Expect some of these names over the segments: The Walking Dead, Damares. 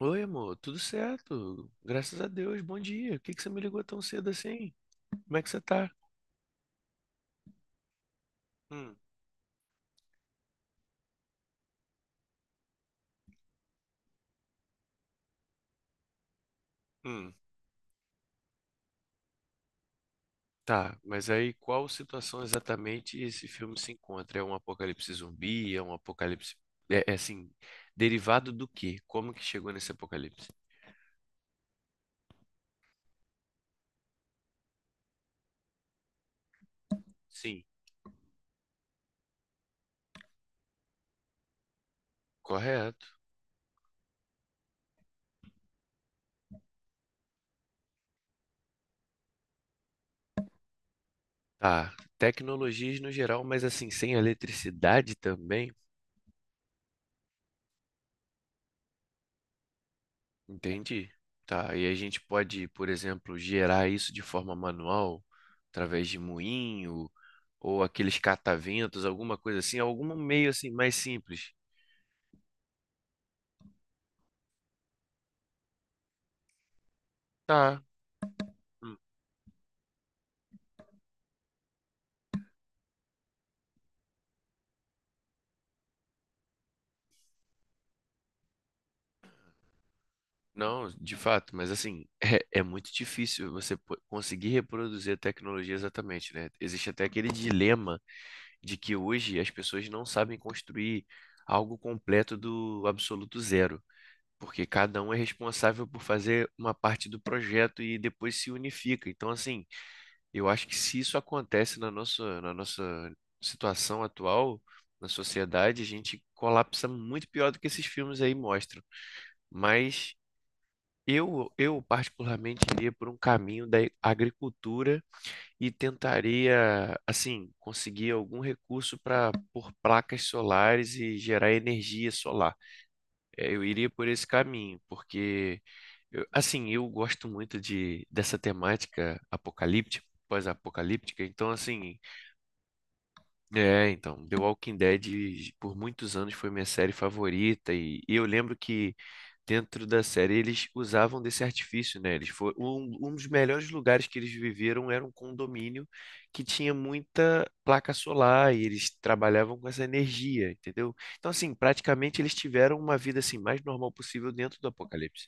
Oi, amor, tudo certo? Graças a Deus, bom dia. Por que que você me ligou tão cedo assim? Como é que você tá? Hum, hum, tá, mas aí qual situação exatamente esse filme se encontra? É um apocalipse zumbi? É um apocalipse. É, é assim, derivado do quê? Como que chegou nesse apocalipse? Sim. Correto. Tá, tecnologias no geral, mas assim, sem eletricidade também? Entendi. Tá, e a gente pode, por exemplo, gerar isso de forma manual? Através de moinho, ou aqueles cataventos, alguma coisa assim, algum meio assim mais simples. Tá. Hum. Não, de fato, mas assim, é, é muito difícil você conseguir reproduzir a tecnologia exatamente, né? Existe até aquele dilema de que hoje as pessoas não sabem construir algo completo do absoluto zero, porque cada um é responsável por fazer uma parte do projeto e depois se unifica. Então, assim, eu acho que se isso acontece na na nossa situação atual, na sociedade, a gente colapsa muito pior do que esses filmes aí mostram. Mas eu particularmente iria por um caminho da agricultura e tentaria, assim, conseguir algum recurso para pôr placas solares e gerar energia solar. Eu iria por esse caminho, porque, assim, eu gosto muito de, dessa temática apocalíptica pós-apocalíptica. Então, assim, é, então, The Walking Dead por muitos anos foi minha série favorita e eu lembro que dentro da série eles usavam desse artifício, né? Eles foram um dos melhores lugares que eles viveram era um condomínio que tinha muita placa solar e eles trabalhavam com essa energia, entendeu? Então, assim, praticamente eles tiveram uma vida assim mais normal possível dentro do apocalipse.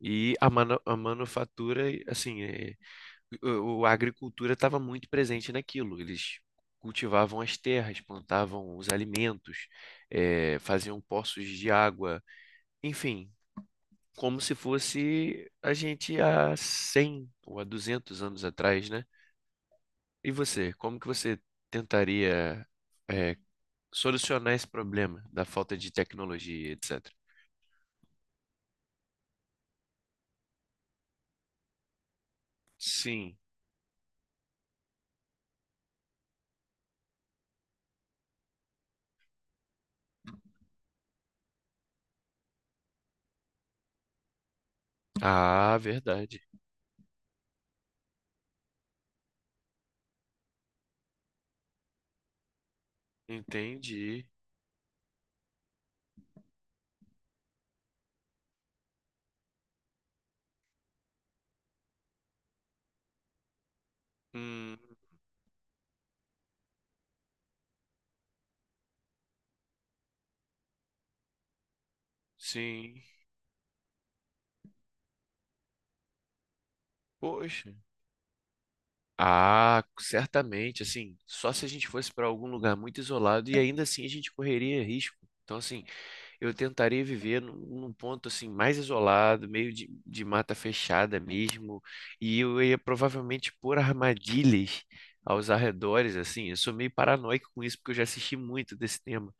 E a, a manufatura, assim, é, a agricultura estava muito presente naquilo. Eles cultivavam as terras, plantavam os alimentos, faziam poços de água, enfim, como se fosse a gente há 100 ou há duzentos anos atrás, né? E você, como que você tentaria, eh, solucionar esse problema da falta de tecnologia, etc? Sim. Ah, verdade. Entendi. Hum, sim. Poxa. Ah, certamente, assim, só se a gente fosse para algum lugar muito isolado e ainda assim a gente correria risco. Então, assim, eu tentaria viver num ponto assim mais isolado, meio de mata fechada mesmo, e eu ia provavelmente pôr armadilhas aos arredores, assim. Eu sou meio paranoico com isso porque eu já assisti muito desse tema,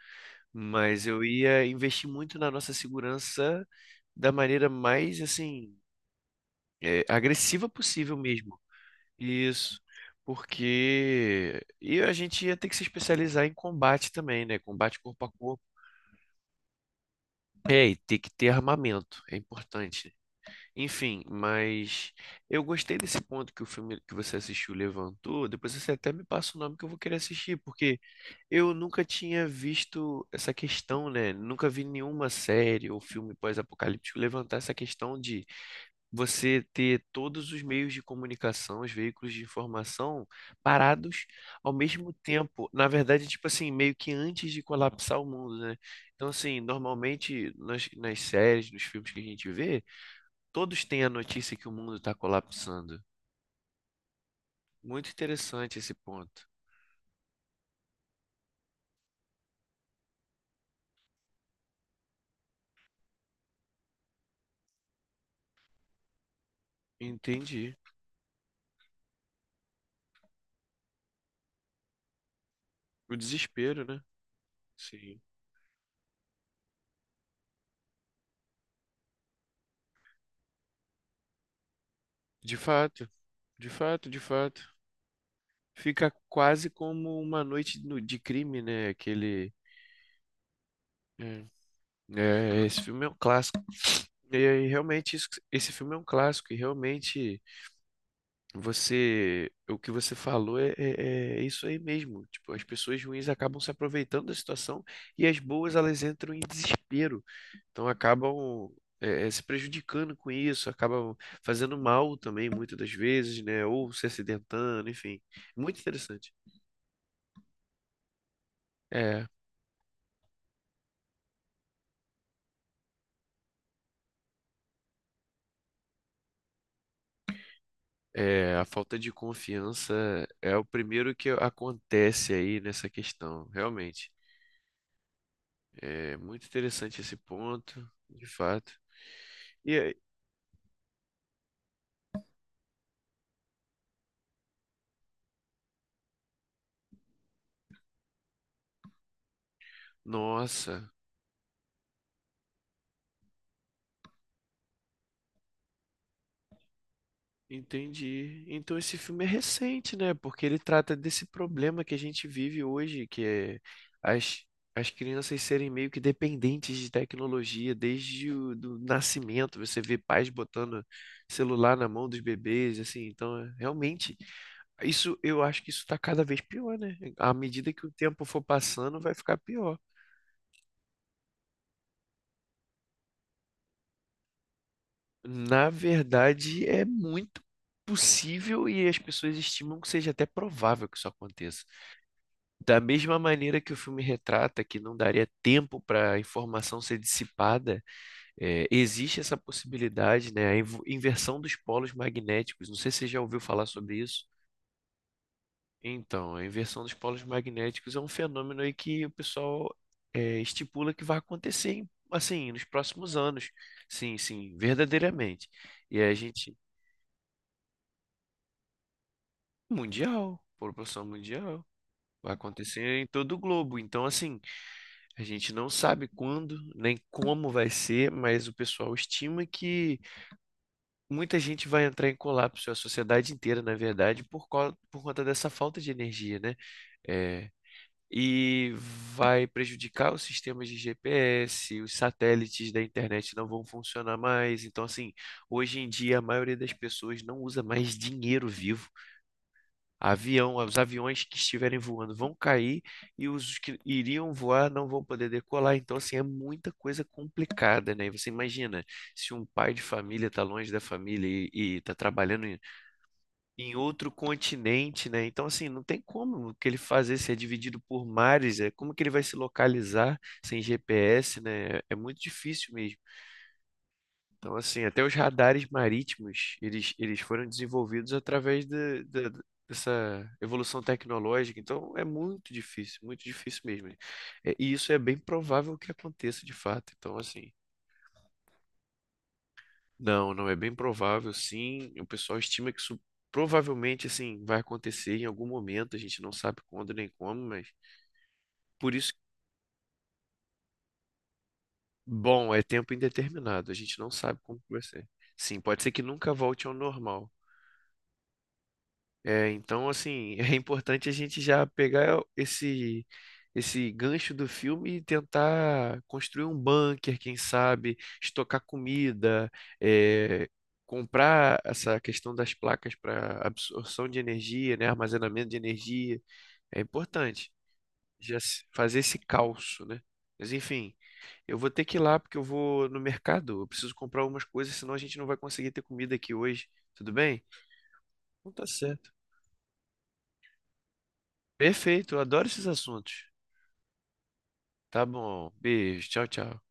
mas eu ia investir muito na nossa segurança da maneira mais assim, agressiva possível mesmo. Isso, porque e a gente ia ter que se especializar em combate também, né? Combate corpo a corpo. É, e ter que ter armamento, é importante. Enfim, mas eu gostei desse ponto que o filme que você assistiu levantou. Depois você até me passa o nome que eu vou querer assistir, porque eu nunca tinha visto essa questão, né? Nunca vi nenhuma série ou filme pós-apocalíptico levantar essa questão de você ter todos os meios de comunicação, os veículos de informação parados ao mesmo tempo. Na verdade, tipo assim, meio que antes de colapsar o mundo, né? Então, assim, normalmente nas, nas séries, nos filmes que a gente vê, todos têm a notícia que o mundo está colapsando. Muito interessante esse ponto. Entendi. O desespero, né? Sim. De fato, de fato, de fato. Fica quase como uma noite no- de crime, né? Aquele. É, é, esse filme é um clássico. E aí, realmente, isso, esse filme é um clássico, e realmente você, o que você falou é, é isso aí mesmo. Tipo, as pessoas ruins acabam se aproveitando da situação e as boas elas entram em desespero. Então acabam é, é, se prejudicando com isso, acabam fazendo mal também muitas das vezes, né? Ou se acidentando, enfim. Muito interessante. É, é, a falta de confiança é o primeiro que acontece aí nessa questão, realmente. É muito interessante esse ponto, de fato. E aí, nossa, entendi. Então esse filme é recente, né? Porque ele trata desse problema que a gente vive hoje, que é as, as crianças serem meio que dependentes de tecnologia desde o do nascimento. Você vê pais botando celular na mão dos bebês, assim. Então, realmente, isso eu acho que isso está cada vez pior, né? À medida que o tempo for passando, vai ficar pior. Na verdade, é muito possível e as pessoas estimam que seja até provável que isso aconteça. Da mesma maneira que o filme retrata que não daria tempo para a informação ser dissipada, existe essa possibilidade, né? A inversão dos polos magnéticos. Não sei se você já ouviu falar sobre isso. Então, a inversão dos polos magnéticos é um fenômeno aí que o pessoal estipula que vai acontecer, assim, nos próximos anos. Sim, sim, verdadeiramente. E a gente mundial, proporção mundial. Vai acontecer em todo o globo. Então, assim, a gente não sabe quando nem como vai ser, mas o pessoal estima que muita gente vai entrar em colapso, a sociedade inteira, na verdade, por, por conta dessa falta de energia, né? É, e vai prejudicar os sistemas de GPS, os satélites da internet não vão funcionar mais. Então, assim, hoje em dia a maioria das pessoas não usa mais dinheiro vivo. Avião, os aviões que estiverem voando vão cair e os que iriam voar não vão poder decolar. Então, assim, é muita coisa complicada, né? E você imagina, se um pai de família está longe da família e está trabalhando em, em outro continente, né? Então, assim, não tem como o que ele fazer se é dividido por mares, é como que ele vai se localizar sem GPS, né? É muito difícil mesmo. Então, assim, até os radares marítimos, eles foram desenvolvidos através dessa evolução tecnológica. Então, é muito difícil mesmo. Né? É, e isso é bem provável que aconteça de fato. Então, assim, não, não é bem provável, sim. O pessoal estima que isso provavelmente, assim, vai acontecer em algum momento. A gente não sabe quando nem como, mas por isso, bom, é tempo indeterminado. A gente não sabe como que vai ser. Sim, pode ser que nunca volte ao normal. É, então, assim, é importante a gente já pegar esse gancho do filme e tentar construir um bunker, quem sabe, estocar comida, é, comprar essa questão das placas para absorção de energia, né, armazenamento de energia. É importante já fazer esse calço, né? Mas, enfim, eu vou ter que ir lá porque eu vou no mercado. Eu preciso comprar algumas coisas, senão a gente não vai conseguir ter comida aqui hoje. Tudo bem? Então tá certo. Perfeito, eu adoro esses assuntos. Tá bom, beijo, tchau, tchau.